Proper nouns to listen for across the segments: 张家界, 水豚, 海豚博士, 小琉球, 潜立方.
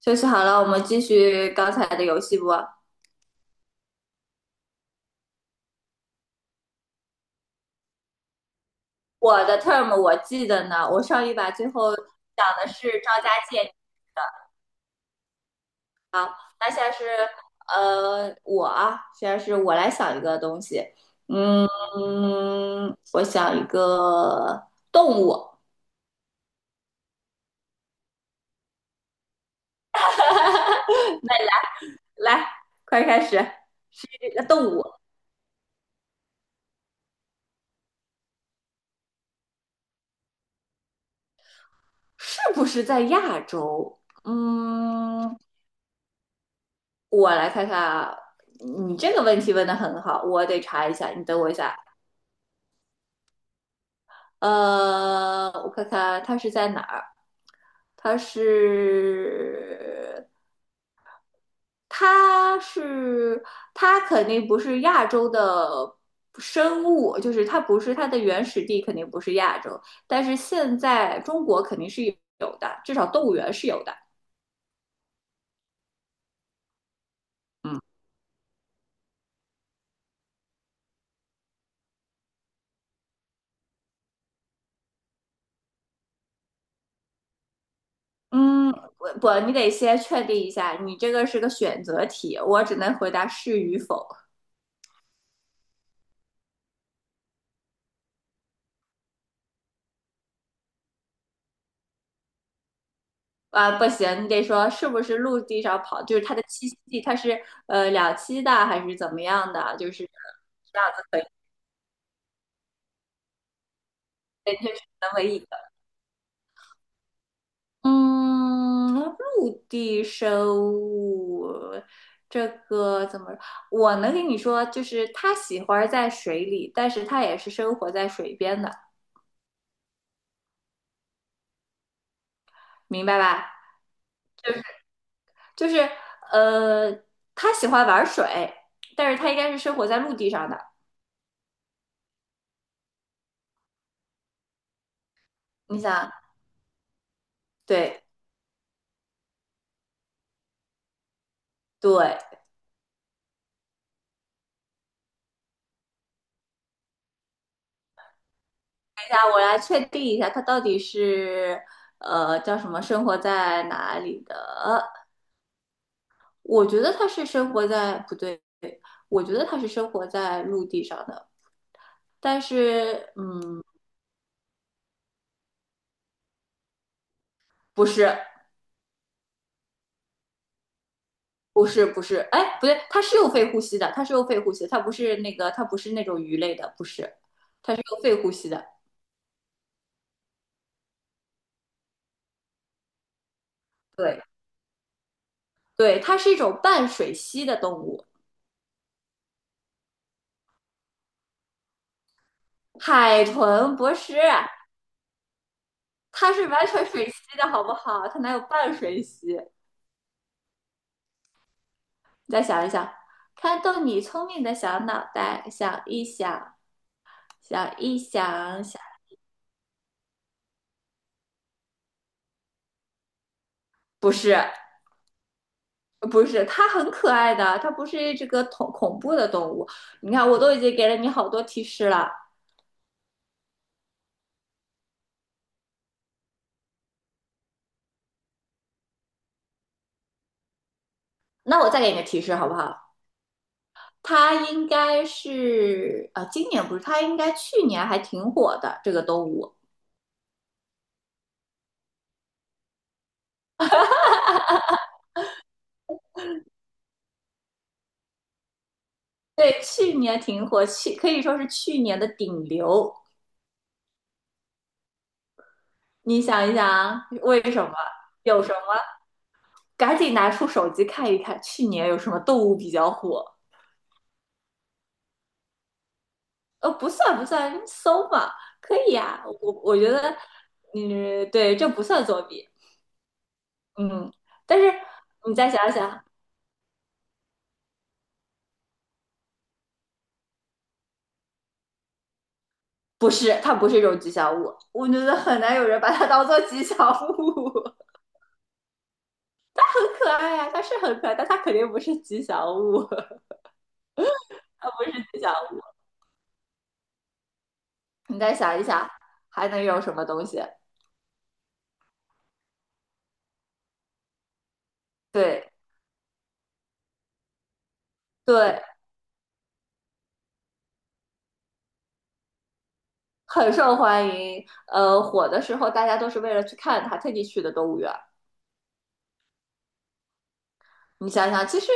休息好了，我们继续刚才的游戏不？我的 term 我记得呢，我上一把最后讲的是张家界。那现在是我啊，现在是我来想一个东西。嗯，我想一个动物。那来，快开始，是这个动物是不是在亚洲？嗯，我来看看啊，你这个问题问的很好，我得查一下，你等我一下啊。我看看它是在哪儿？它是，它是，它肯定不是亚洲的生物，就是它不是它的原始地肯定不是亚洲，但是现在中国肯定是有的，至少动物园是有的。嗯，嗯，不，你得先确定一下，你这个是个选择题，我只能回答是与否。啊，不行，你得说是不是陆地上跑，就是它的栖息地，它是两栖的还是怎么样的？就是这样子可以，对，这是能唯一的。嗯，陆地生物这个怎么？我能跟你说，就是它喜欢在水里，但是它也是生活在水边的，明白吧？就是就是呃，它喜欢玩水，但是它应该是生活在陆地上的。你想，对对。我来确定一下，它到底是叫什么？生活在哪里的？我觉得它是生活在不对，我觉得它是生活在陆地上的，但是嗯，不是，不是，不是，哎，不对，它是有肺呼吸的，它是有肺呼吸的它不是那个，它不是那种鱼类的，不是，它是有肺呼吸的。对，对，它是一种半水栖的动物。海豚博士，它是完全水栖的好不好？它哪有半水栖？你再想一想，看动你聪明的小脑袋，想一想，想一想，想，不是，不是，它很可爱的，它不是这个恐怖的动物。你看，我都已经给了你好多提示了，那我再给你个提示好不好？它应该是啊，今年不是，它应该去年还挺火的这个动物。对，去年挺火，去可以说是去年的顶流。你想一想，为什么？有什么？赶紧拿出手机看一看，去年有什么动物比较火？不算不算，搜嘛，可以呀、我觉得，嗯，对，这不算作弊，嗯。但是你再想想，不是，它不是一种吉祥物，我觉得很难有人把它当做吉祥物。很可爱呀、它是很可爱，但它肯定不是吉祥物，它不是吉祥物。你再想一想，还能有什么东西？对对，很受欢迎。火的时候大家都是为了去看它，特地去的动物园儿你想想，其实，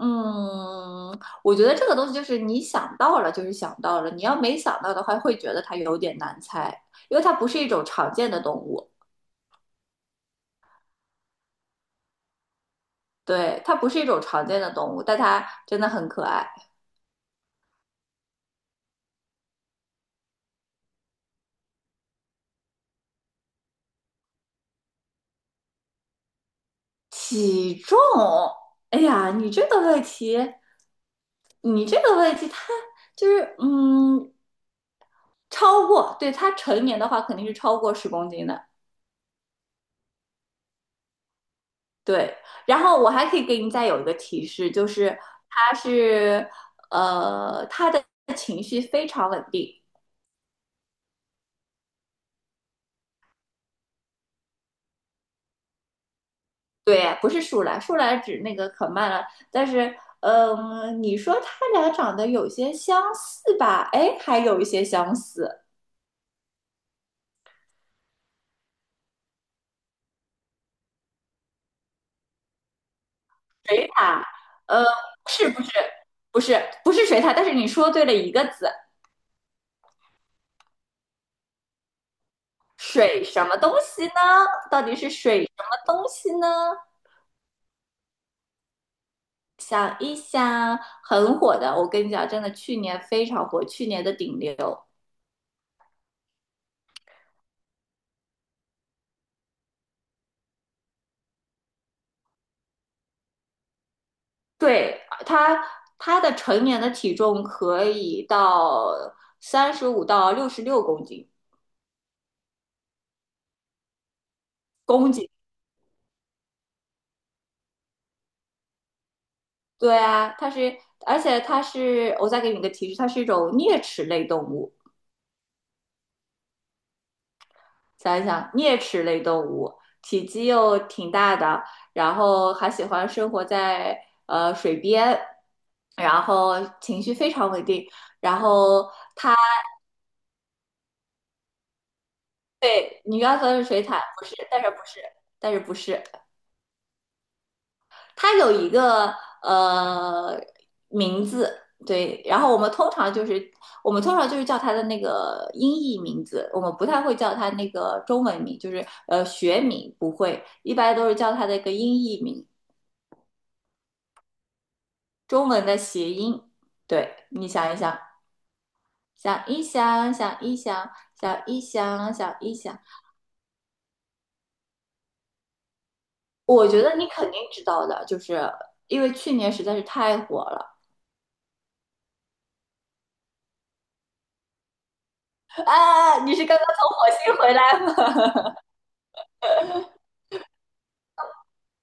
嗯，我觉得这个东西就是你想到了就是想到了，你要没想到的话，会觉得它有点难猜，因为它不是一种常见的动物。对，它不是一种常见的动物，但它真的很可爱。体重，哎呀，你这个问题。你这个问题，它就是嗯，超过，对，它成年的话肯定是超过10公斤的，对，然后我还可以给你再有一个提示，就是他是他的情绪非常稳定。对，不是树懒，树懒指那个可慢了，但是嗯、你说他俩长得有些相似吧？哎，还有一些相似。水獭，呃，是不是不是水獭，但是你说对了一个字，水什么东西呢？到底是水什么东西呢？想一想，很火的，我跟你讲，真的，去年非常火，去年的顶流，对，他的成年的体重可以到35到66公斤，公斤。对啊，它是，而且它是，我再给你个提示，它是一种啮齿类动物。想一想，啮齿类动物，体积又挺大的，然后还喜欢生活在水边，然后情绪非常稳定，然后。对，你刚说是水獭，不是，但是不是，它有一个呃名字，对，然后我们通常就是叫它的那个音译名字，我们不太会叫它那个中文名，就是学名不会，一般都是叫它的一个音译名，中文的谐音。对，你想一想，想一想，想一想，想一想，想一想，我觉得你肯定知道的，就是因为去年实在是太火了。啊，啊你是刚刚从火星回来吗？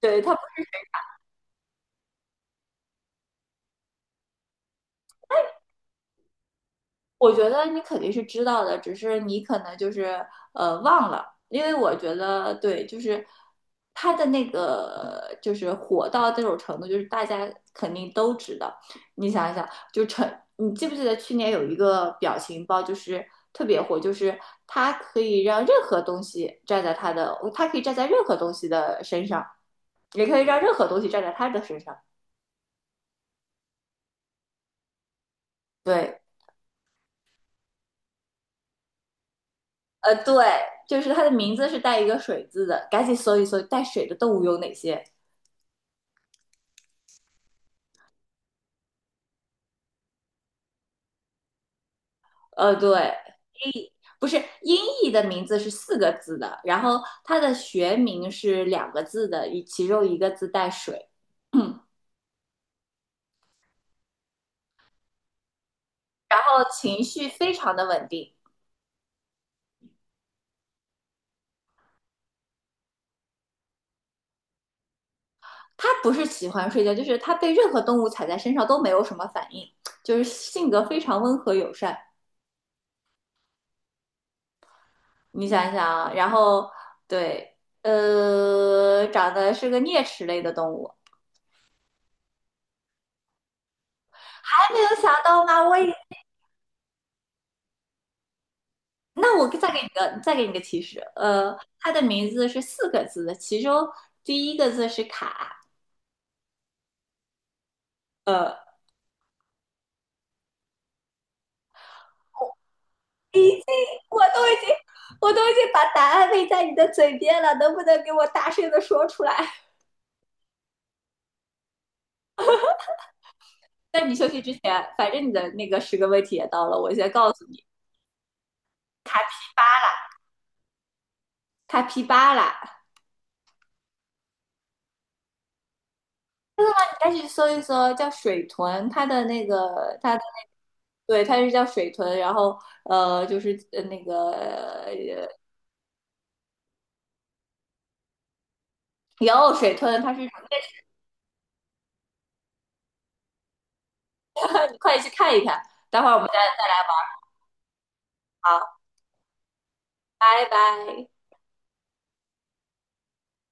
对他，我觉得你肯定是知道的，只是你可能就是忘了，因为我觉得对，就是他的那个就是火到这种程度，就是大家肯定都知道。你想一想，就成，你记不记得去年有一个表情包，就是特别火，就是他可以让任何东西站在他的，他可以站在任何东西的身上，也可以让任何东西站在他的身上。对，对，就是它的名字是带一个水字的，赶紧搜一搜带水的动物有哪些。对，音不是音译的名字是四个字的，然后它的学名是两个字的，其中一个字带水。然后情绪非常的稳定，它不是喜欢睡觉，就是它被任何动物踩在身上都没有什么反应，就是性格非常温和友善。你想一想啊，然后对，长得是个啮齿类的动物，没有想到吧？我也，那我再给你个，再给你个提示，他的名字是四个字的，其中第一个字是卡，呃，已经，我都已经，我都已经把答案喂在你的嘴边了，能不能给我大声的说出来？在你休息之前，反正你的那个10个问题也到了，我先告诉你，他 P 巴拉，但是搜一搜叫水豚，它的那个它的对，它是叫水豚，然后呃，就是呃那个呃，有水豚，它是快去看一看。待会儿我们再来玩啊，拜拜。